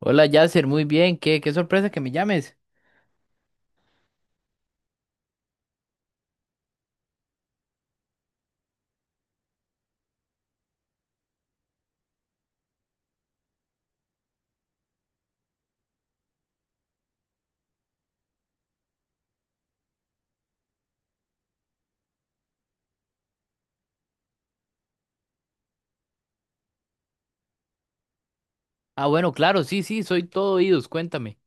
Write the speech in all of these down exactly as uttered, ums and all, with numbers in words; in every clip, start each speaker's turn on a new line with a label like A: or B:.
A: Hola Yasser, muy bien, qué, qué sorpresa que me llames. Ah, bueno, claro, sí, sí, soy todo oídos, cuéntame.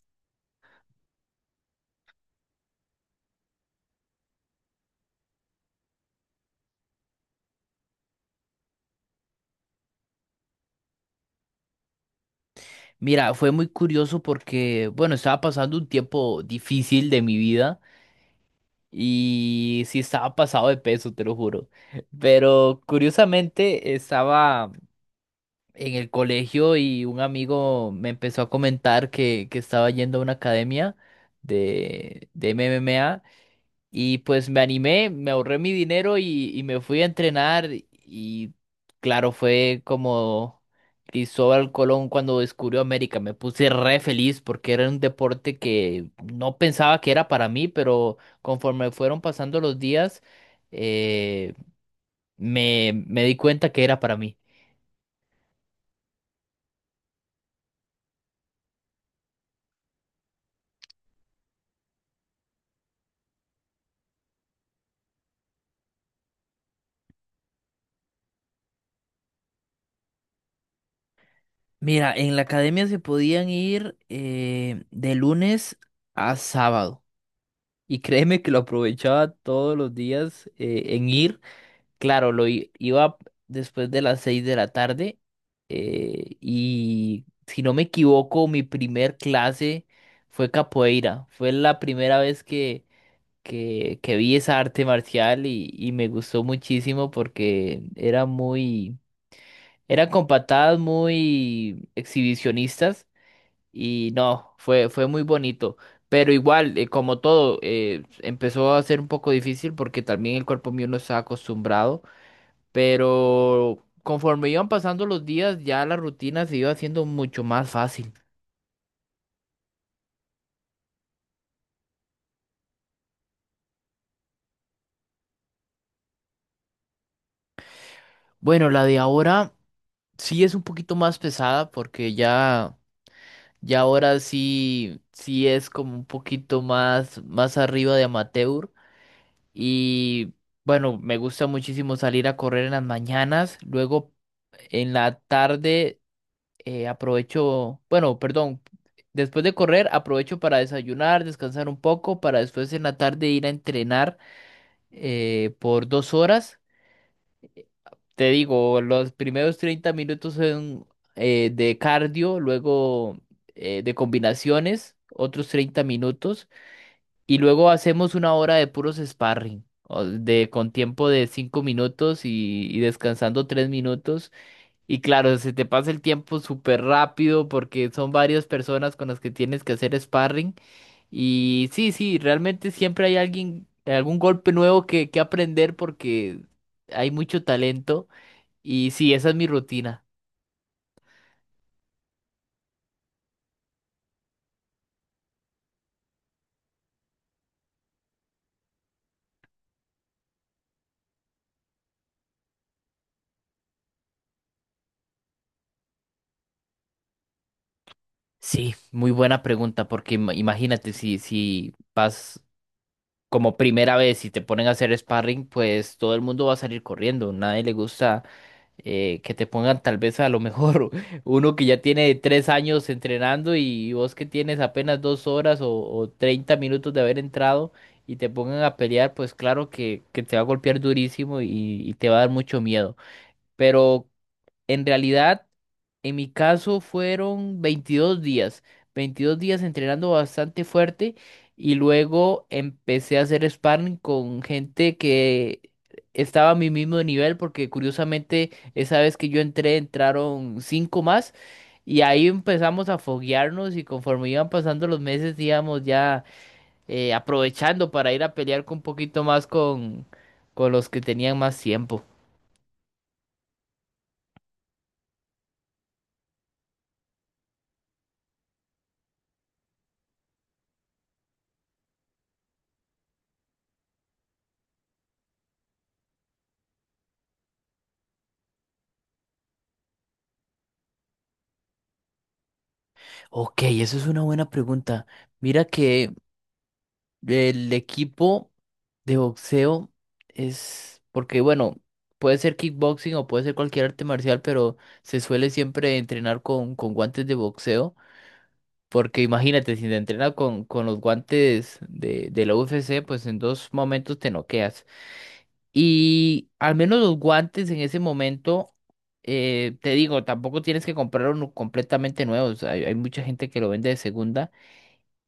A: Mira, fue muy curioso porque, bueno, estaba pasando un tiempo difícil de mi vida y sí estaba pasado de peso, te lo juro. Pero curiosamente estaba en el colegio y un amigo me empezó a comentar que, que estaba yendo a una academia de, de M M A. Y pues me animé, me ahorré mi dinero y, y me fui a entrenar. Y claro, fue como Cristóbal Colón cuando descubrió América. Me puse re feliz porque era un deporte que no pensaba que era para mí, pero conforme fueron pasando los días, eh, me, me di cuenta que era para mí. Mira, en la academia se podían ir eh, de lunes a sábado. Y créeme que lo aprovechaba todos los días eh, en ir. Claro, lo i- iba después de las seis de la tarde, eh, y si no me equivoco, mi primer clase fue capoeira. Fue la primera vez que, que, que vi esa arte marcial y, y me gustó muchísimo porque era muy, eran con patadas muy exhibicionistas y no, fue, fue muy bonito. Pero igual, eh, como todo, eh, empezó a ser un poco difícil porque también el cuerpo mío no estaba acostumbrado. Pero conforme iban pasando los días, ya la rutina se iba haciendo mucho más fácil. Bueno, la de ahora sí es un poquito más pesada porque ya, ya ahora sí, sí es como un poquito más, más arriba de amateur. Y bueno, me gusta muchísimo salir a correr en las mañanas. Luego en la tarde, eh, aprovecho, bueno, perdón. Después de correr, aprovecho para desayunar, descansar un poco, para después en la tarde ir a entrenar, eh, por dos horas. Te digo, los primeros treinta minutos son eh, de cardio, luego eh, de combinaciones, otros treinta minutos, y luego hacemos una hora de puros sparring, o de, con tiempo de cinco minutos y, y descansando tres minutos. Y claro, se te pasa el tiempo súper rápido porque son varias personas con las que tienes que hacer sparring. Y sí, sí, realmente siempre hay alguien, algún golpe nuevo que, que aprender porque hay mucho talento. Y sí, esa es mi rutina. Sí, muy buena pregunta porque ima- imagínate si, si vas como primera vez y te ponen a hacer sparring, pues todo el mundo va a salir corriendo. Nadie le gusta eh, que te pongan tal vez a lo mejor uno que ya tiene tres años entrenando y vos que tienes apenas dos horas o, o treinta minutos de haber entrado y te pongan a pelear, pues claro que, que te va a golpear durísimo y, y te va a dar mucho miedo. Pero en realidad, en mi caso fueron veintidós días, veintidós días entrenando bastante fuerte y luego empecé a hacer sparring con gente que estaba a mi mismo nivel porque curiosamente esa vez que yo entré entraron cinco más y ahí empezamos a foguearnos y conforme iban pasando los meses íbamos ya eh, aprovechando para ir a pelear con un poquito más con, con los que tenían más tiempo. Ok, eso es una buena pregunta. Mira que el equipo de boxeo es, porque bueno, puede ser kickboxing o puede ser cualquier arte marcial, pero se suele siempre entrenar con, con guantes de boxeo, porque imagínate, si te entrenas con, con los guantes de, de la U F C, pues en dos momentos te noqueas. Y al menos los guantes en ese momento... eh, te digo, tampoco tienes que comprar uno completamente nuevo. O sea, hay, hay mucha gente que lo vende de segunda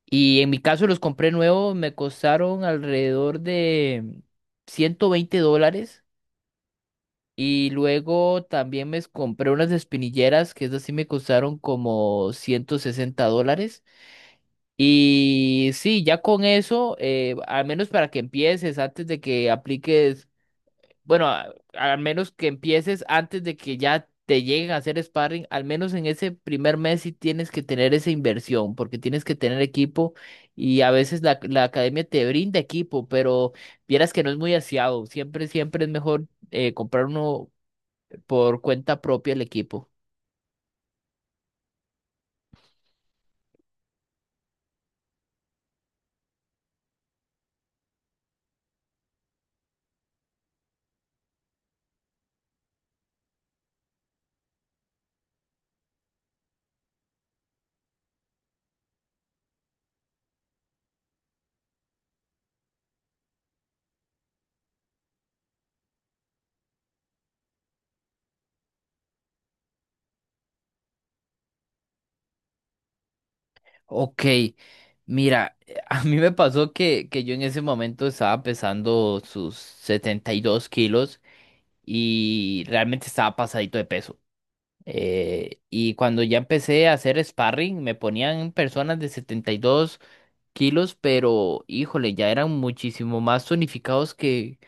A: y en mi caso los compré nuevos, me costaron alrededor de ciento veinte dólares. Y luego también me compré unas espinilleras, que esas sí me costaron como ciento sesenta dólares. Y sí, ya con eso, eh, al menos para que empieces, antes de que apliques bueno, a- al menos que empieces antes de que ya te lleguen a hacer sparring, al menos en ese primer mes sí tienes que tener esa inversión, porque tienes que tener equipo y a veces la, la academia te brinda equipo, pero vieras que no es muy aseado. Siempre, siempre es mejor, eh, comprar uno por cuenta propia el equipo. Ok, mira, eh, a mí me pasó que, que yo en ese momento estaba pesando sus setenta y dos kilos y realmente estaba pasadito de peso. Eh, y cuando ya empecé a hacer sparring, me ponían personas de setenta y dos kilos, pero híjole, ya eran muchísimo más tonificados que,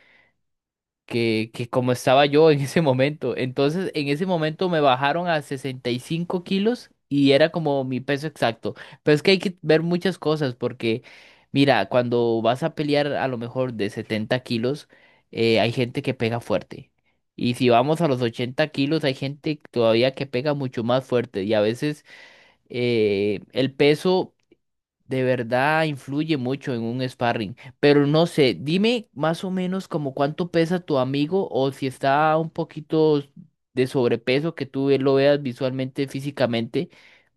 A: que, que como estaba yo en ese momento. Entonces, en ese momento me bajaron a sesenta y cinco kilos y era como mi peso exacto. Pero es que hay que ver muchas cosas porque, mira, cuando vas a pelear a lo mejor de setenta kilos, eh, hay gente que pega fuerte. Y si vamos a los ochenta kilos, hay gente todavía que pega mucho más fuerte. Y a veces eh, el peso de verdad influye mucho en un sparring. Pero no sé, dime más o menos como cuánto pesa tu amigo o si está un poquito de sobrepeso que tú lo veas visualmente, físicamente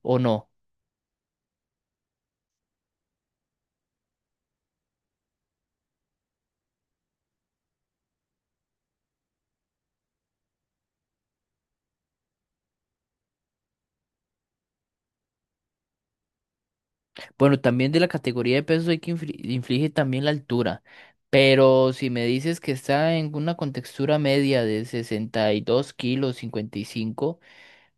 A: o no. Bueno, también de la categoría de pesos hay que infli- inflige también la altura. Pero si me dices que está en una contextura media de sesenta y dos kilos, cincuenta y cinco,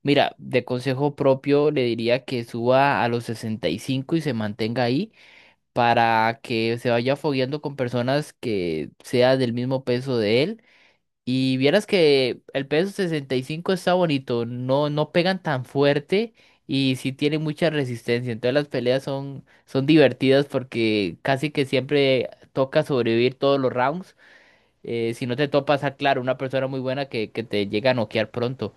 A: mira, de consejo propio le diría que suba a los sesenta y cinco y cinco y se mantenga ahí para que se vaya fogueando con personas que sea del mismo peso de él. Y vieras que el peso sesenta y cinco está bonito, no, no pegan tan fuerte y sí tienen mucha resistencia. Entonces las peleas son, son divertidas porque casi que siempre toca sobrevivir todos los rounds, eh, si no te topas a, claro, una persona muy buena que, que te llega a noquear pronto.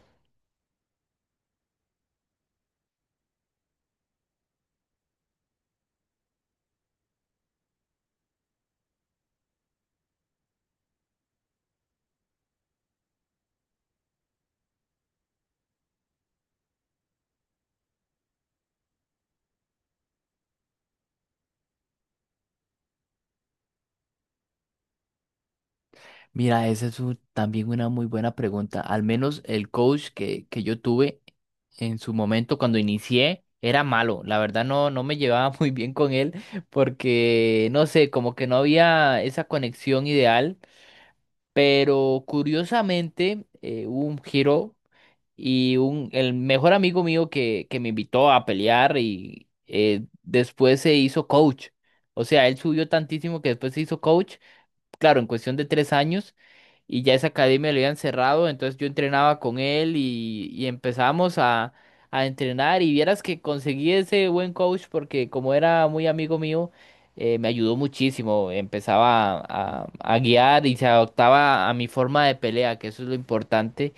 A: Mira, esa es un- también una muy buena pregunta. Al menos el coach que, que yo tuve en su momento cuando inicié era malo. La verdad no, no me llevaba muy bien con él porque, no sé, como que no había esa conexión ideal. Pero curiosamente, eh, hubo un giro y un, el mejor amigo mío que, que me invitó a pelear y, eh, después se hizo coach. O sea, él subió tantísimo que después se hizo coach, claro, en cuestión de tres años y ya esa academia lo habían cerrado, entonces yo entrenaba con él y, y empezamos a, a entrenar y vieras que conseguí ese buen coach porque como era muy amigo mío, eh, me ayudó muchísimo, empezaba a, a guiar y se adaptaba a mi forma de pelea, que eso es lo importante.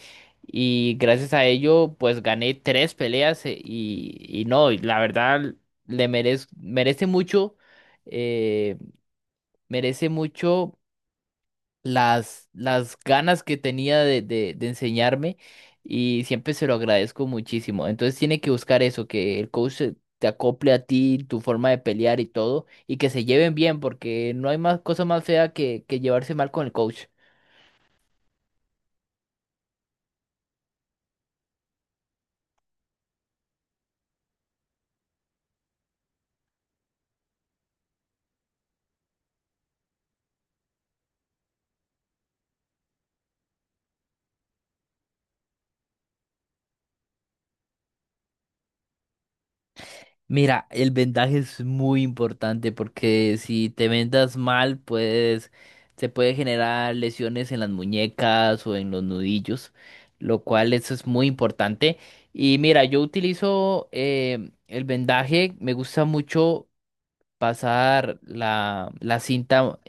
A: Y gracias a ello, pues gané tres peleas, eh, y, y no, y la verdad le merez- merece mucho, eh, merece mucho las, las ganas que tenía de, de, de enseñarme y siempre se lo agradezco muchísimo. Entonces tiene que buscar eso, que el coach se- te acople a ti, tu forma de pelear y todo, y que se lleven bien, porque no hay más cosa más fea que, que llevarse mal con el coach. Mira, el vendaje es muy importante porque si te vendas mal, pues se puede generar lesiones en las muñecas o en los nudillos, lo cual eso es muy importante. Y mira, yo utilizo, eh, el vendaje, me gusta mucho pasar la, la cinta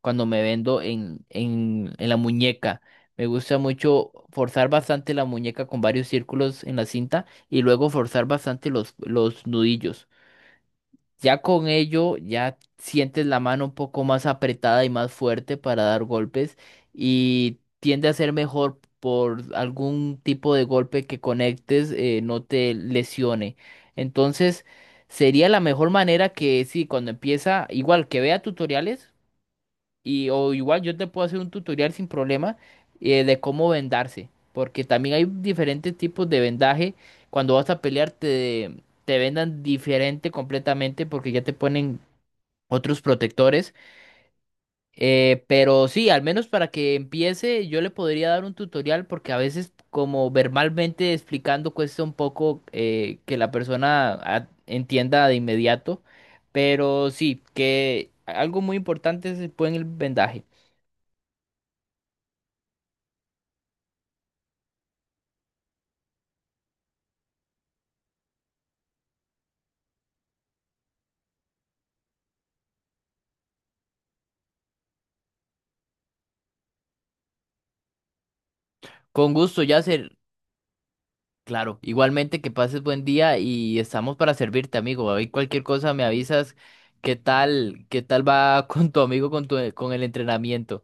A: cuando me vendo en, en, en la muñeca. Me gusta mucho forzar bastante la muñeca con varios círculos en la cinta y luego forzar bastante los, los nudillos. Ya con ello, ya sientes la mano un poco más apretada y más fuerte para dar golpes y tiende a ser mejor por algún tipo de golpe que conectes, eh, no te lesione. Entonces, sería la mejor manera que sí, cuando empieza, igual que vea tutoriales. Y, o igual yo te puedo hacer un tutorial sin problema, eh, de cómo vendarse. Porque también hay diferentes tipos de vendaje. Cuando vas a pelear te, te vendan diferente completamente porque ya te ponen otros protectores. Eh, pero sí, al menos para que empiece yo le podría dar un tutorial porque a veces como verbalmente explicando cuesta un poco, eh, que la persona ah, entienda de inmediato. Pero sí, que algo muy importante es el buen vendaje. Con gusto, Yasser. Claro, igualmente que pases buen día y estamos para servirte, amigo. Ahí cualquier cosa me avisas qué tal, qué tal va con tu amigo, con tu, con el entrenamiento.